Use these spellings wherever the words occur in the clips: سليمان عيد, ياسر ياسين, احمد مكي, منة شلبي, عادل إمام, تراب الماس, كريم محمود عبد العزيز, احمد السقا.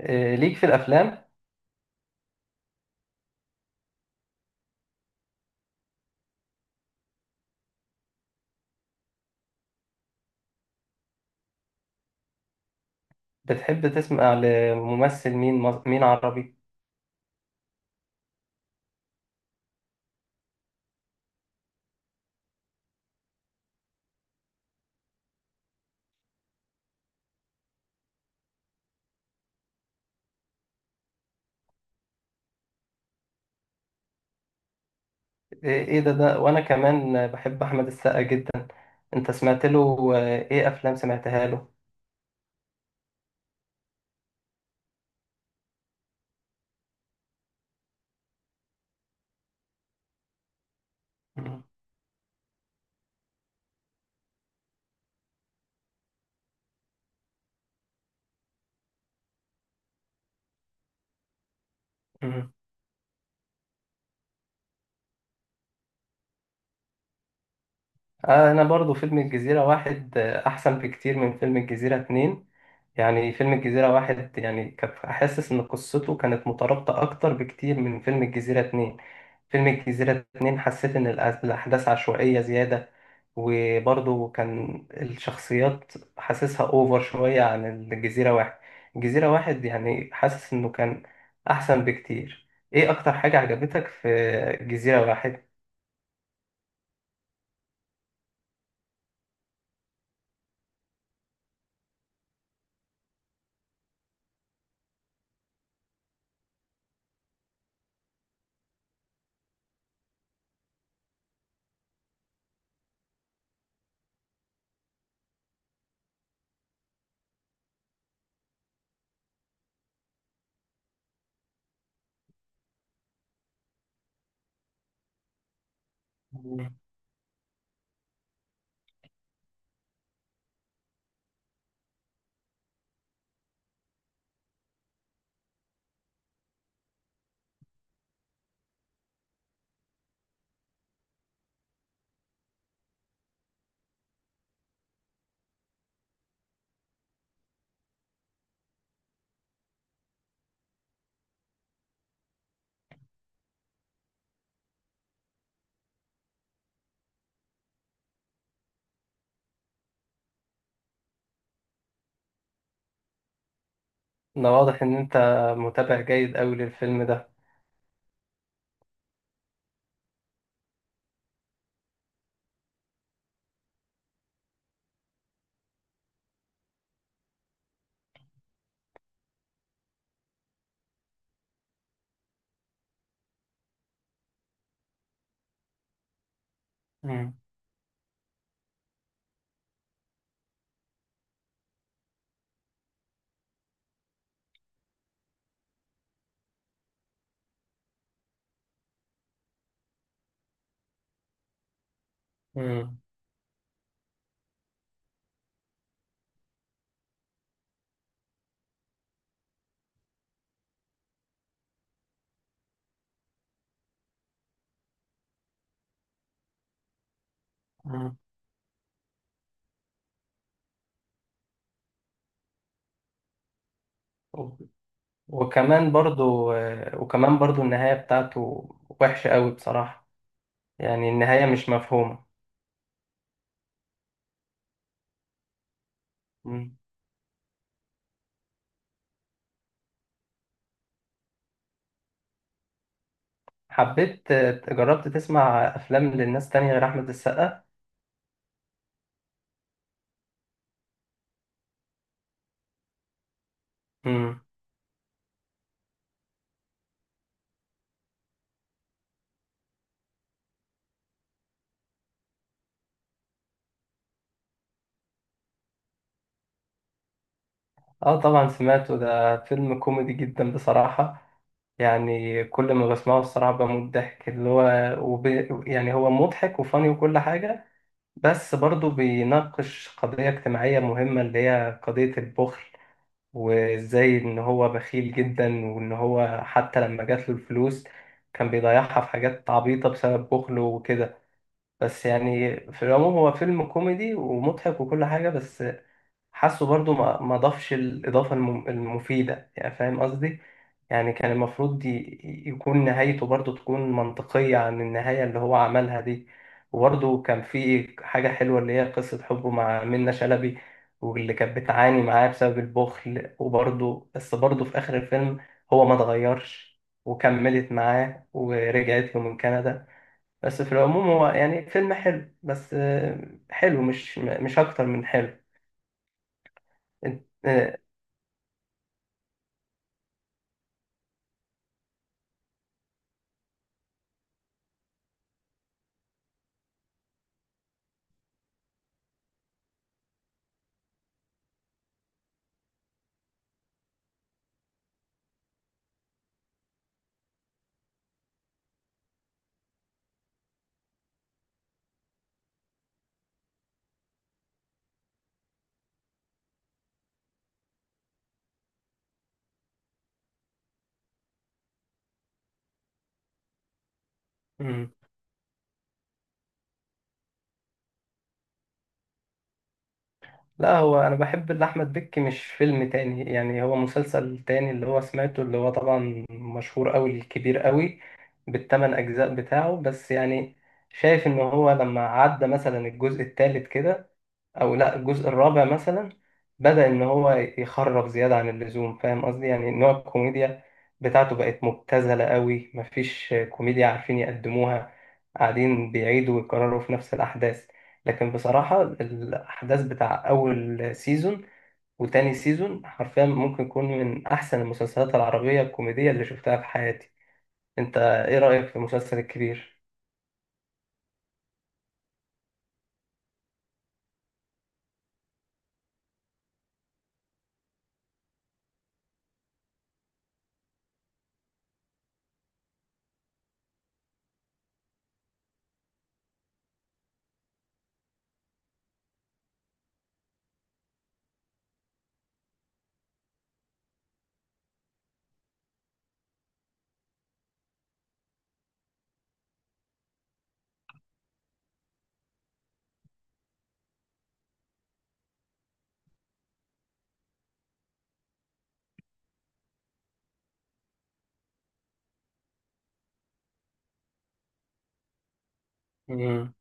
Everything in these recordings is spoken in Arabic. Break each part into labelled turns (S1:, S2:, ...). S1: إيه، ليك في الافلام. بتحب تسمع لممثل مين عربي؟ ايه ده وانا كمان بحب احمد السقا جدا. انت سمعت له، ايه افلام سمعتها له؟ مم. مم. انا برضو فيلم الجزيرة واحد احسن بكتير من فيلم الجزيرة اتنين. يعني فيلم الجزيرة واحد يعني كنت حاسس إن قصته كانت مترابطة أكتر بكتير من فيلم الجزيرة اتنين. فيلم الجزيرة اتنين حسيت إن الأحداث عشوائية زيادة. وبرضه كان الشخصيات حاسسها أوفر شوية عن الجزيرة واحد. الجزيرة واحد يعني حاسس إنه كان أحسن بكتير. إيه أكتر حاجة عجبتك في الجزيرة واحد؟ مم. ده واضح إن أنت متابع جيد أوي للفيلم ده. مم. مم. مم. وكمان برضو وكمان برضو النهاية بتاعته وحشة قوي بصراحة. يعني النهاية مش مفهومة. مم. حبيت. جربت تسمع أفلام للناس تانية غير أحمد السقا؟ مم. اه، طبعا سمعته، ده فيلم كوميدي جدا بصراحة. يعني كل ما بسمعه الصراحة بموت ضحك، اللي هو وب... يعني هو مضحك وفاني وكل حاجة. بس برضو بيناقش قضية اجتماعية مهمة اللي هي قضية البخل. وازاي ان هو بخيل جدا وان هو حتى لما جات له الفلوس كان بيضيعها في حاجات عبيطة بسبب بخله وكده. بس يعني في العموم هو فيلم كوميدي ومضحك وكل حاجة. بس حاسه برضو ما ضافش الإضافة المفيدة، يعني فاهم قصدي. يعني كان المفروض يكون نهايته برضو تكون منطقية عن النهاية اللي هو عملها دي. وبرضو كان في حاجة حلوة اللي هي قصة حبه مع منة شلبي، واللي كانت بتعاني معاه بسبب البخل. وبرضو بس برضو في آخر الفيلم هو ما اتغيرش وكملت معاه ورجعت له من كندا. بس في العموم هو يعني فيلم حلو، بس حلو مش أكتر من حلو. مم. لا هو انا بحب لاحمد بكي مش فيلم تاني، يعني هو مسلسل تاني اللي هو سمعته، اللي هو طبعا مشهور قوي، الكبير قوي بالثمان اجزاء بتاعه. بس يعني شايف ان هو لما عدى مثلا الجزء الثالث كده، او لا الجزء الرابع مثلا، بدأ ان هو يخرف زيادة عن اللزوم، فاهم قصدي. يعني نوع الكوميديا بتاعته بقت مبتذلة قوي، مفيش كوميديا عارفين يقدموها، قاعدين بيعيدوا ويكرروا في نفس الأحداث. لكن بصراحة الأحداث بتاع أول سيزون وتاني سيزون حرفيا ممكن يكون من أحسن المسلسلات العربية الكوميدية اللي شفتها في حياتي. أنت إيه رأيك في المسلسل الكبير؟ مم.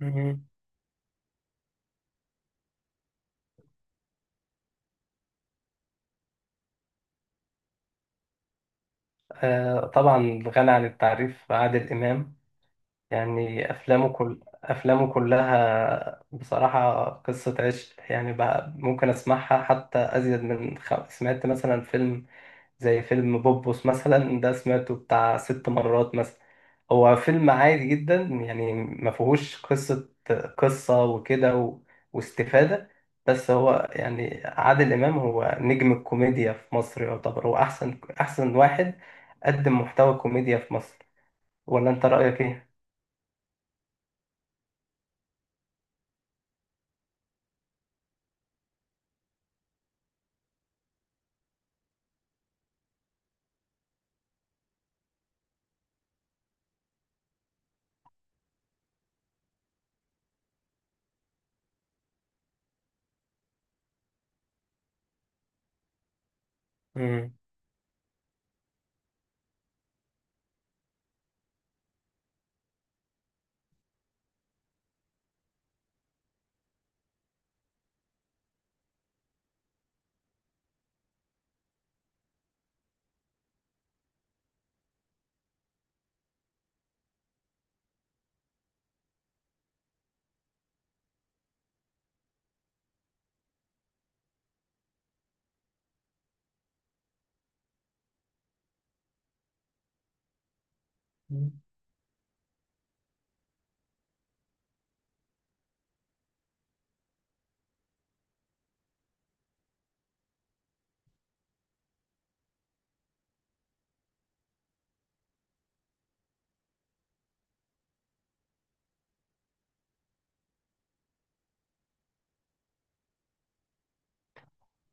S1: مم. آه، طبعا غني عن التعريف عادل إمام. يعني أفلامه، كل أفلامه كلها بصراحة قصة عشق، يعني بقى ممكن أسمعها حتى أزيد من سمعت مثلا فيلم، زي فيلم بوبوس مثلا، ده سمعته بتاع 6 مرات مثلا. هو فيلم عادي جدا يعني ما فيهوش قصة وكده واستفادة. بس هو يعني عادل إمام هو نجم الكوميديا في مصر، يعتبر هو أحسن واحد قدم محتوى كوميديا في مصر. ولا أنت رأيك إيه؟